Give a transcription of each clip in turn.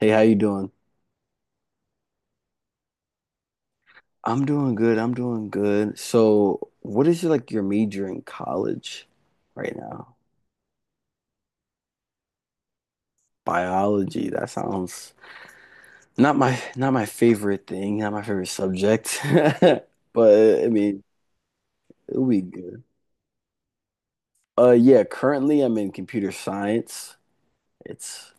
Hey, how you doing? I'm doing good. I'm doing good. So, what is like your major in college right now? Biology. That sounds not my favorite thing, not my favorite subject. But I mean, it'll be good. Yeah, currently I'm in computer science. It's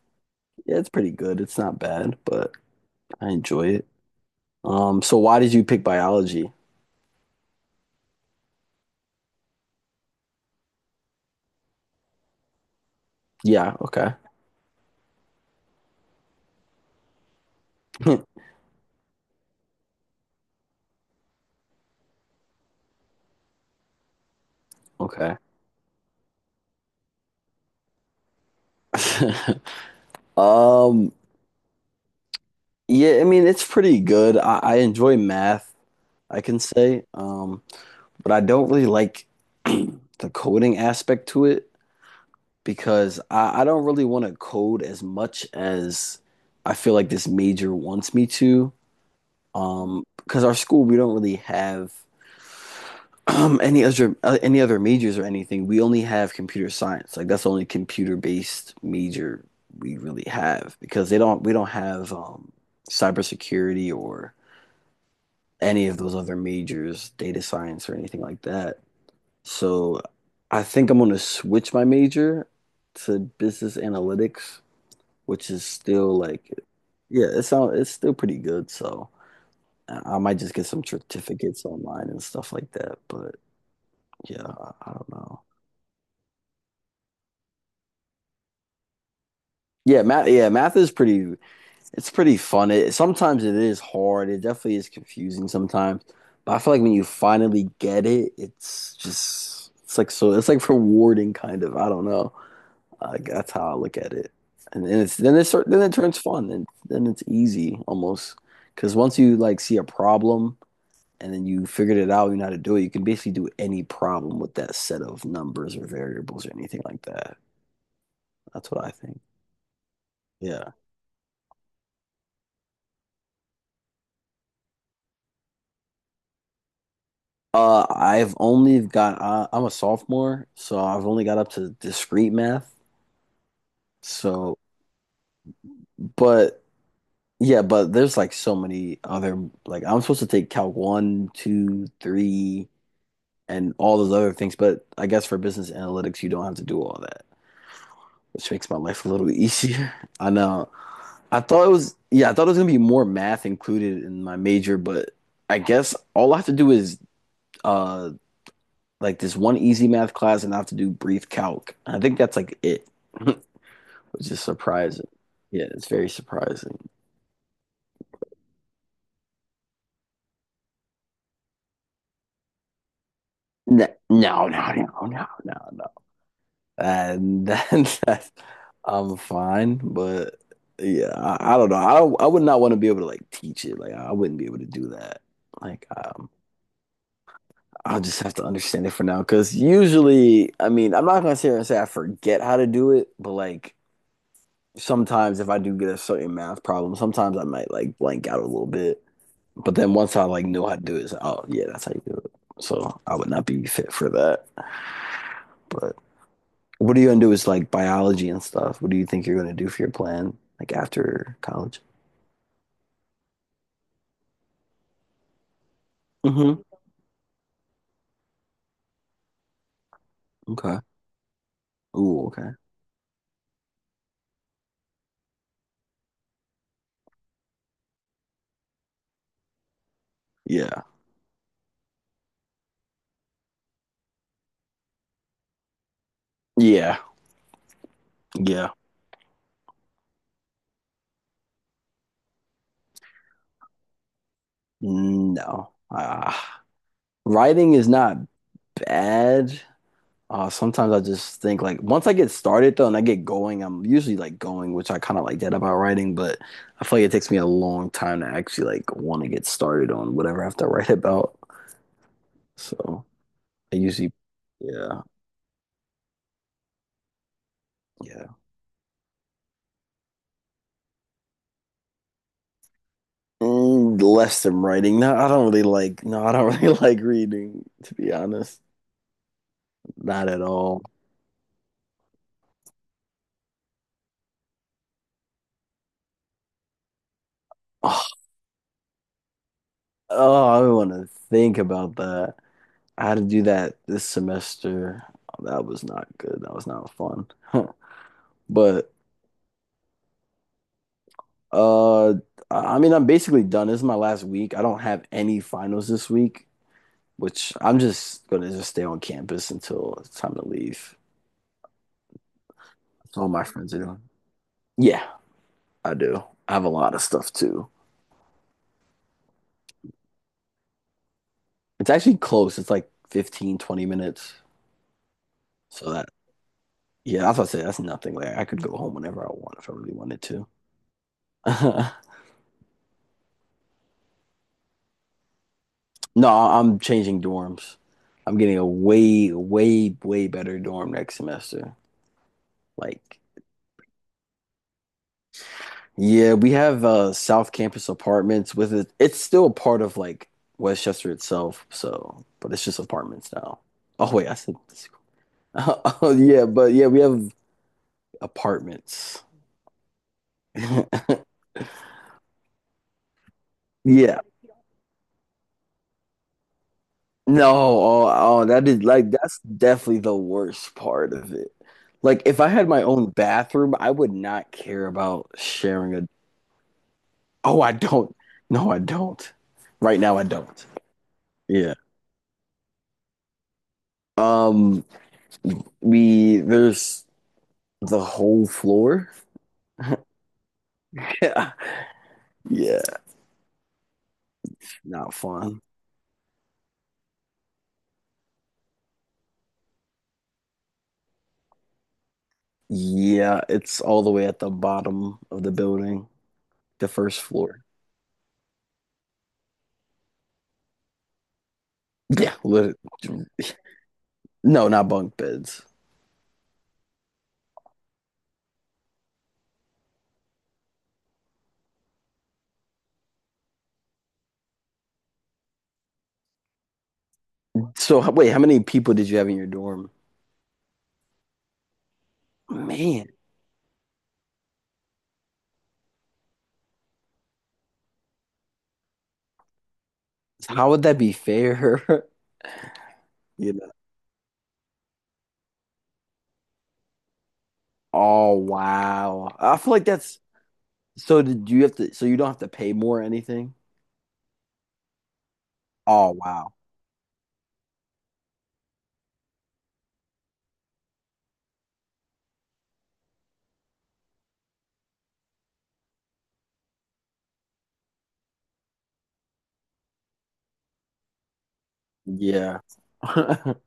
yeah, it's pretty good. It's not bad, but I enjoy it. So why did you pick biology? Yeah, okay. Okay. Um, Yeah, I mean it's pretty good. I enjoy math, I can say, but I don't really like the coding aspect to it because I don't really want to code as much as I feel like this major wants me to. Because our school we don't really have any other majors or anything. We only have computer science. Like that's the only computer based major we really have because they don't we don't have cybersecurity or any of those other majors, data science or anything like that. So I think I'm going to switch my major to business analytics, which is still like, yeah, it's still pretty good. So I might just get some certificates online and stuff like that. But yeah, I don't know. Yeah, math. Yeah, math is pretty. It's pretty fun. It sometimes it is hard. It definitely is confusing sometimes. But I feel like when you finally get it, it's just it's like so it's like rewarding kind of. I don't know. Like that's how I look at it. And then it turns fun and then it's easy almost. Because once you like see a problem and then you figured it out, you know how to do it, you can basically do any problem with that set of numbers or variables or anything like that. That's what I think. Yeah. I've only got I'm a sophomore, so I've only got up to discrete math. So, but yeah, but there's like so many other like I'm supposed to take Calc one, two, three, and all those other things. But I guess for business analytics, you don't have to do all that, which makes my life a little easier. I know. I thought it was gonna be more math included in my major, but I guess all I have to do is uh like this one easy math class and I have to do brief calc. And I think that's like it, which is surprising. Yeah, it's very surprising. No, no, no, no, no, no, no. And I'm fine, but yeah, I don't know. I would not want to be able to like teach it. Like I wouldn't be able to do that. Like I'll just have to understand it for now. Because usually, I mean, I'm not gonna sit here and say I forget how to do it, but like sometimes if I do get a certain math problem, sometimes I might like blank out a little bit. But then once I like know how to do it, it's like, oh yeah, that's how you do it. So I would not be fit for that. But what are you gonna do is like biology and stuff? What do you think you're gonna do for your plan like after college? Mm-hmm. Okay. Ooh, okay. Yeah. Yeah. Yeah. No. Writing is not bad. Sometimes I just think like once I get started though and I get going, I'm usually like going, which I kind of like that about writing, but I feel like it takes me a long time to actually like want to get started on whatever I have to write about. So I usually, yeah, yeah. Mm, less than writing. No, I don't really like, no, I don't really like reading, to be honest. Not at all. Oh, I want to think about that. I had to do that this semester. That was not good. That was not fun. But Uh, I I mean, I'm basically done. This is my last week. I don't have any finals this week, which I'm just gonna just stay on campus until it's time to leave. That's all my friends are doing. Yeah, I do. I have a lot of stuff too. It's actually close. It's like 15, 20 minutes. So that, yeah, that's what I say. That's nothing. Like I could go home whenever I want if I really wanted to. No, I'm changing dorms. I'm getting a way, way, way better dorm next semester. Like yeah, we have South Campus apartments with it. It's still a part of like Westchester itself, so but it's just apartments now. Oh wait, I said this. We have apartments. Yeah. No, that is like that's definitely the worst part of it. Like if I had my own bathroom, I would not care about sharing a Oh, I don't. No, I don't. Right now I don't. Yeah. Um we there's The whole floor? Yeah. Yeah. Not fun. Yeah, it's all the way at the bottom of the building, the first floor. Yeah. lit- No, not bunk beds. So, wait, how many people did you have in your dorm? Man, how would that be fair? You know. Oh, wow. I feel like that's so did you have to so you don't have to pay more or anything? Oh, wow. Yeah.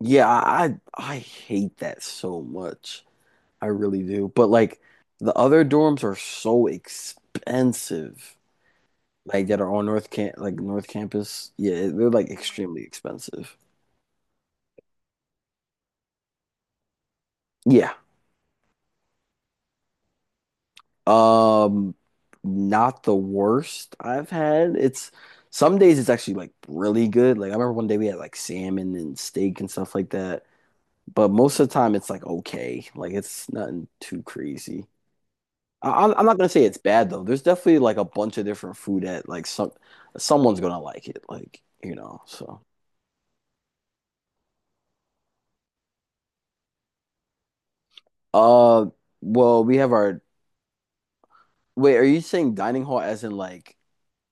Yeah, I hate that so much. I really do. But like the other dorms are so expensive. Like that are on North Camp like North Campus. Yeah, they're like extremely expensive. Yeah. Um not the worst I've had. It's some days it's actually like really good. Like I remember one day we had like salmon and steak and stuff like that. But most of the time it's like okay. Like it's nothing too crazy. I'm not gonna say it's bad though. There's definitely like a bunch of different food that like someone's gonna like it, like you know. So, uh, well, we have our wait. Are you saying dining hall as in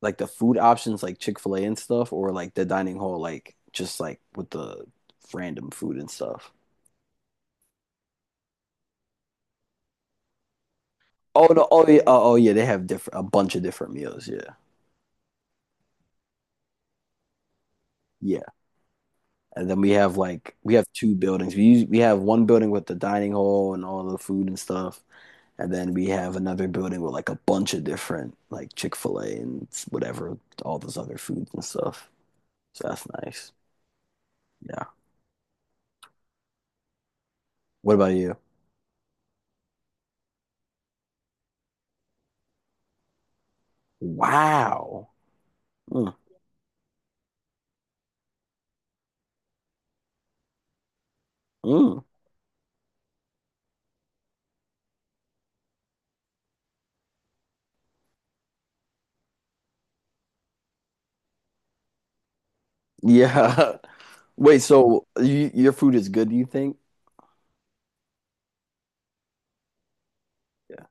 like the food options like Chick-fil-A and stuff, or like the dining hall like just like with the random food and stuff? Oh no! Oh yeah! Oh yeah! They have different a bunch of different meals. Yeah, yeah. And then we have two buildings. We have one building with the dining hall and all the food and stuff. And then we have another building with like a bunch of different like Chick fil A and whatever, all those other foods and stuff. So that's nice. Yeah. What about you? Wow. Mm, mm. Yeah. Wait, so your food is good, do you think? Yeah.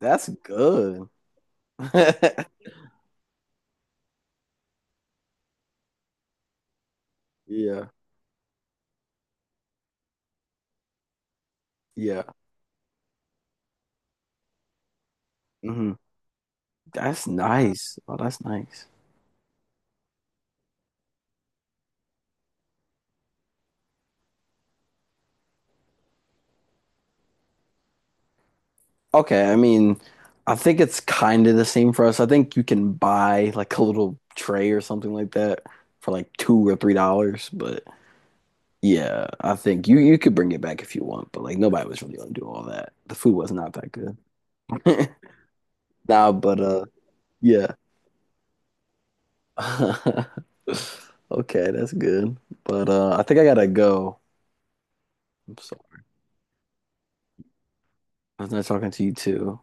That's good. Yeah. Yeah. Hmm. That's nice. Oh, that's nice. Okay, I mean, I think it's kind of the same for us. I think you can buy like a little tray or something like that for like $2 or $3. But yeah, I think you could bring it back if you want. But like nobody was really gonna do all that. The food was not that good. Nah, but yeah. Okay, that's good. But I think I gotta go. I'm sorry. I was not talking to you too.